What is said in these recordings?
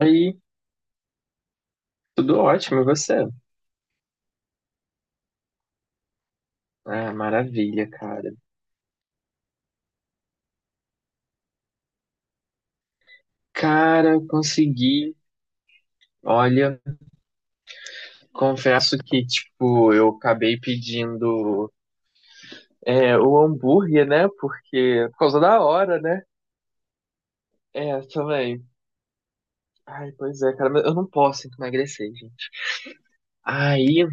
Aí, tudo ótimo, e você? Ah, maravilha, cara. Cara, consegui. Olha, confesso que, tipo, eu acabei pedindo o hambúrguer, né? Porque, por causa da hora, né? É, também. Ai, pois é, cara, mas eu não posso tem que emagrecer, gente. Aí,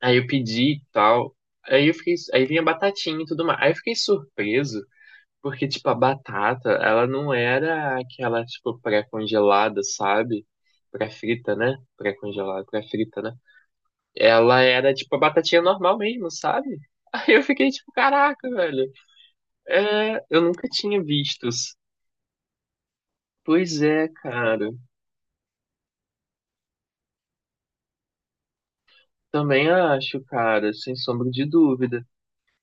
aí eu pedi e tal. Aí eu fiquei, aí vinha batatinha e tudo mais. Aí eu fiquei surpreso. Porque, tipo, a batata, ela não era aquela, tipo, pré-congelada, sabe? Pré-frita, né? Pré-congelada, pré-frita, né? Ela era, tipo, a batatinha normal mesmo, sabe? Aí eu fiquei, tipo, caraca, velho. É, eu nunca tinha visto. Pois é, cara. Também acho, cara, sem sombra de dúvida.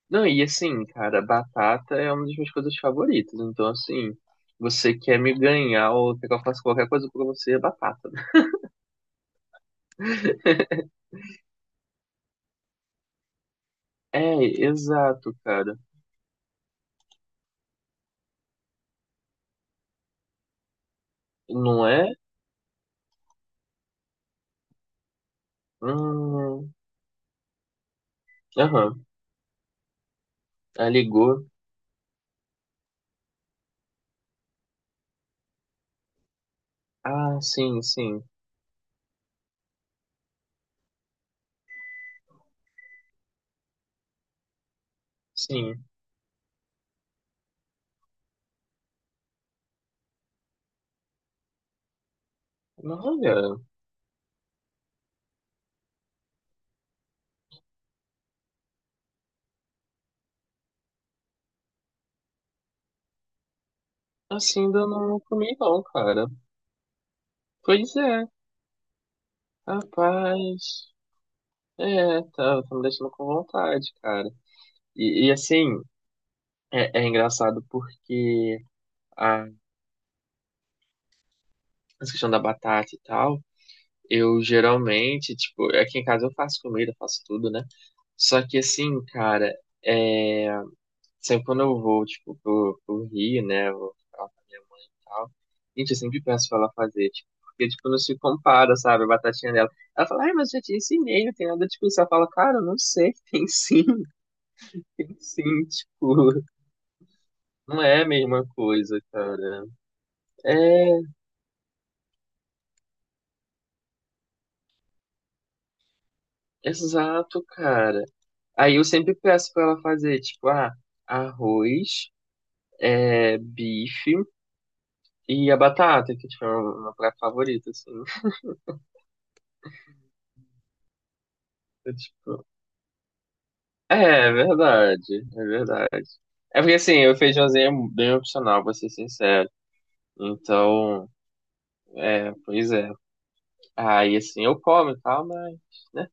Não, e assim, cara, batata é uma das minhas coisas favoritas. Então, assim, você quer me ganhar ou quer que eu faça qualquer coisa pra você, é batata, né? É, exato, cara. Não é? Hum, aham. Aí ligou. Ah, sim, sim, sim. Não, olha, assim ainda não comi não, cara. Pois é, rapaz. É, tá, tá me deixando com vontade, cara. E assim, é engraçado porque a essa questão da batata e tal, eu geralmente, tipo, aqui em casa eu faço comida, faço tudo, né? Só que assim, cara, é, sempre quando eu vou, tipo, pro Rio, né, eu vou ficar lá com a minha mãe e tal, gente, eu sempre peço pra ela fazer, tipo, porque, tipo, não se compara, sabe, a batatinha dela. Ela fala, ai, mas eu já te ensinei, não tem nada tipo isso. Ela fala, cara, eu não sei, tem sim, tem sim, tipo, não é a mesma coisa, cara. É, exato, cara. Aí eu sempre peço pra ela fazer, tipo, ah, arroz, bife e a batata, que, tipo, é uma praia favorita, assim. Tipo, é, é verdade, é verdade. É porque assim, o feijãozinho é bem opcional, vou ser sincero. Então, é, pois é. Aí assim, eu como e tal, mas, né?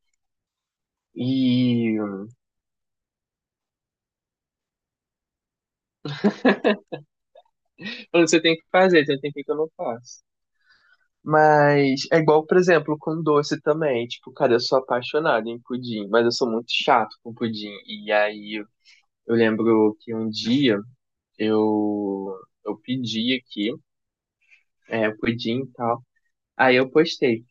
E quando você tem que fazer, então tem que eu não faço. Mas é igual, por exemplo, com doce também. Tipo, cara, eu sou apaixonado em pudim, mas eu sou muito chato com pudim. E aí eu lembro que um dia eu, eu pedi aqui, pudim e tal. Aí eu postei.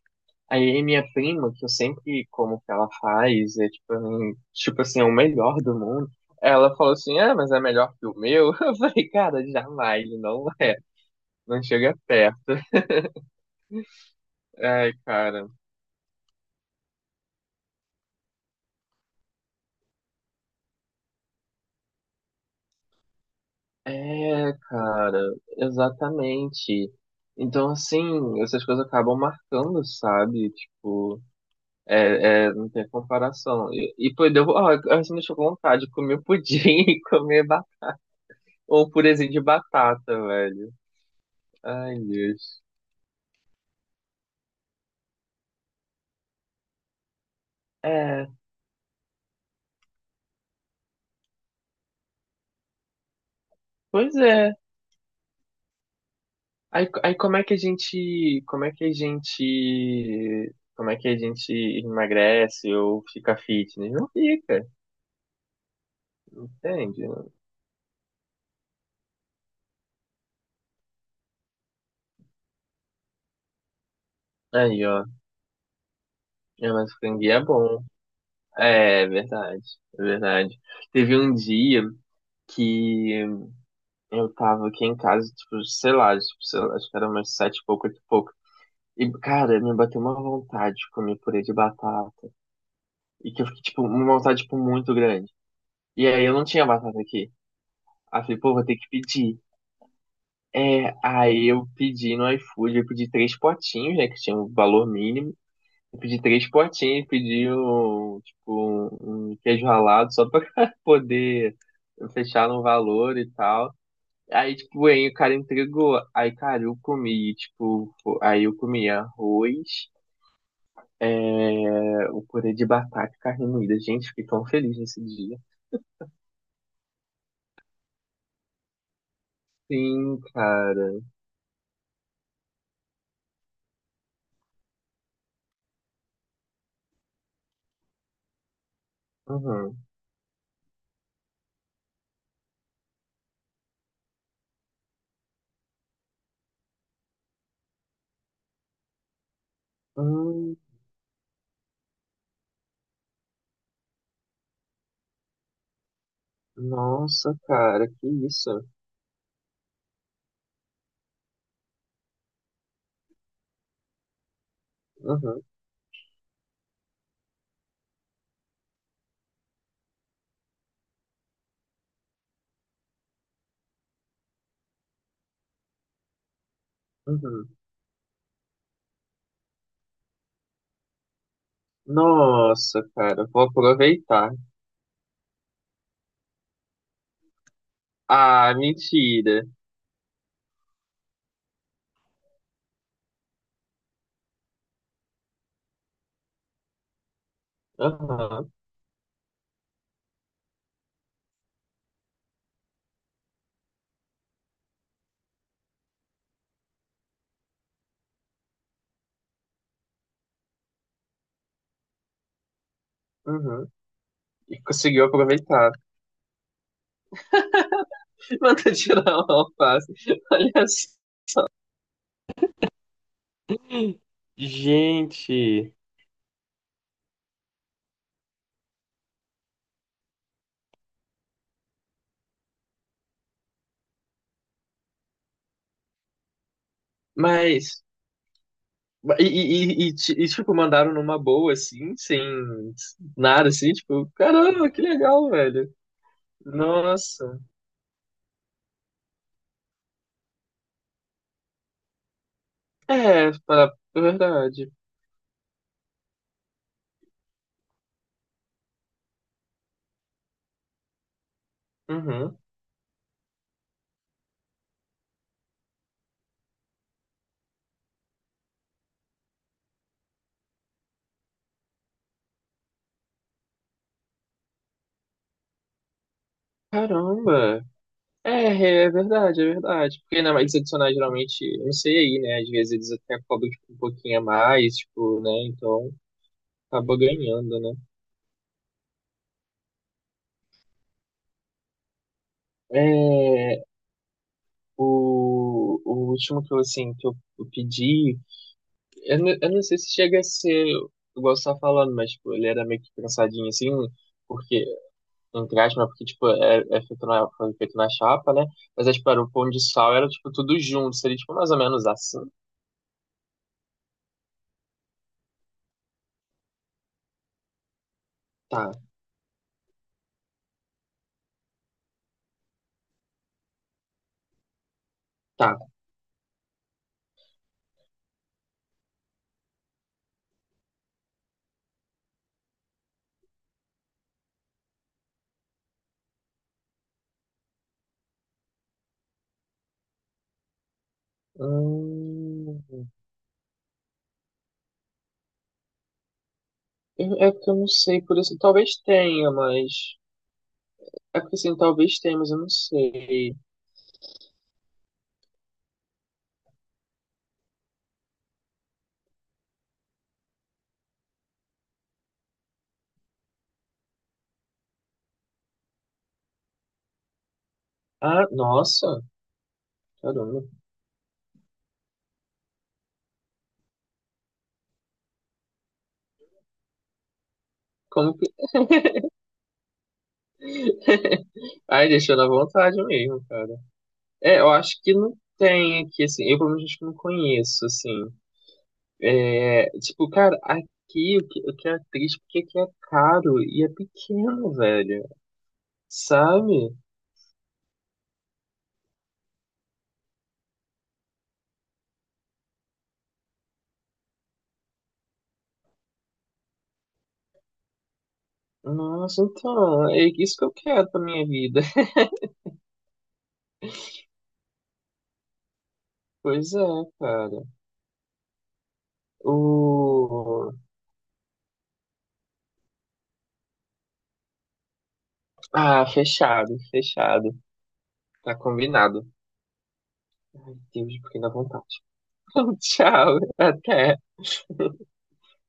Aí minha prima, que eu sempre como que ela faz, é tipo, tipo assim, é o melhor do mundo. Ela falou assim, ah, mas é melhor que o meu. Eu falei, cara, jamais, não é, não chega perto. Ai, cara. É, cara, exatamente. Então, assim, essas coisas acabam marcando, sabe? Tipo, não tem comparação. E pô, deu, ó, assim, me deixou com vontade de comer pudim e comer um purezinho de batata, velho. Ai, Deus. É, pois é. Aí como é que a gente, como é que a gente, como é que a gente emagrece ou fica fitness? Não fica, entende? Aí, ó, é, mas o canguia é bom. É, é verdade, é verdade. Teve um dia que eu tava aqui em casa, tipo, sei lá, acho que era umas sete e pouco, oito e pouco. E, cara, me bateu uma vontade de comer purê de batata. E que eu fiquei, tipo, uma vontade, tipo, muito grande. E aí eu não tinha batata aqui. Aí eu falei, pô, vou ter que pedir. É, aí eu pedi no iFood, eu pedi três potinhos, né, que tinha um valor mínimo. Eu pedi três potinhos, pedi um, tipo, um queijo ralado só pra poder fechar no valor e tal. Aí, tipo, aí o cara entregou. Aí, cara, eu comi, tipo, aí eu comi arroz, o purê de batata e carne moída. Gente, fiquei tão feliz nesse dia. Sim, cara. Uhum. Hum, nossa, cara, que isso. Uhum, uhum. Nossa, cara, vou aproveitar. Ah, mentira. Aham, uhum. E conseguiu aproveitar. Manda tirar o alface. Olha só. Gente, mas. E tipo, mandaram numa boa, assim, sem nada, assim, tipo, caramba, que legal, velho. Nossa. É, pra... é verdade. Uhum. Caramba. É, é verdade, é verdade. Porque na mais adicionais geralmente, eu não sei aí, né? Às vezes eles até cobram tipo, um pouquinho a mais, tipo, né? Então acaba ganhando, né? É, o último que eu, assim, que eu pedi, eu, eu não sei se chega a ser igual você tá falando, mas tipo, ele era meio que pensadinho assim, porque, entre aspas, né, porque tipo, é feito na, foi feito na chapa, né? Mas é, tipo, era o pão de sal, era tipo tudo junto, seria tipo mais ou menos assim. Tá, tá. Hum. É porque eu não sei, por isso talvez tenha, mas. É porque assim, talvez tenha, mas eu não sei. Ah, nossa, caramba. Como que. Ai, deixou na vontade mesmo, cara. É, eu acho que não tem aqui, assim. Eu, pelo menos, acho que não conheço, assim. É, tipo, cara, aqui o que é triste, porque aqui é caro e é pequeno, velho. Sabe? Nossa, então, é isso que eu quero pra minha vida. Pois é, cara. O. Ah, fechado, fechado. Tá combinado. Ai, Deus, fiquei na vontade. Tchau, até.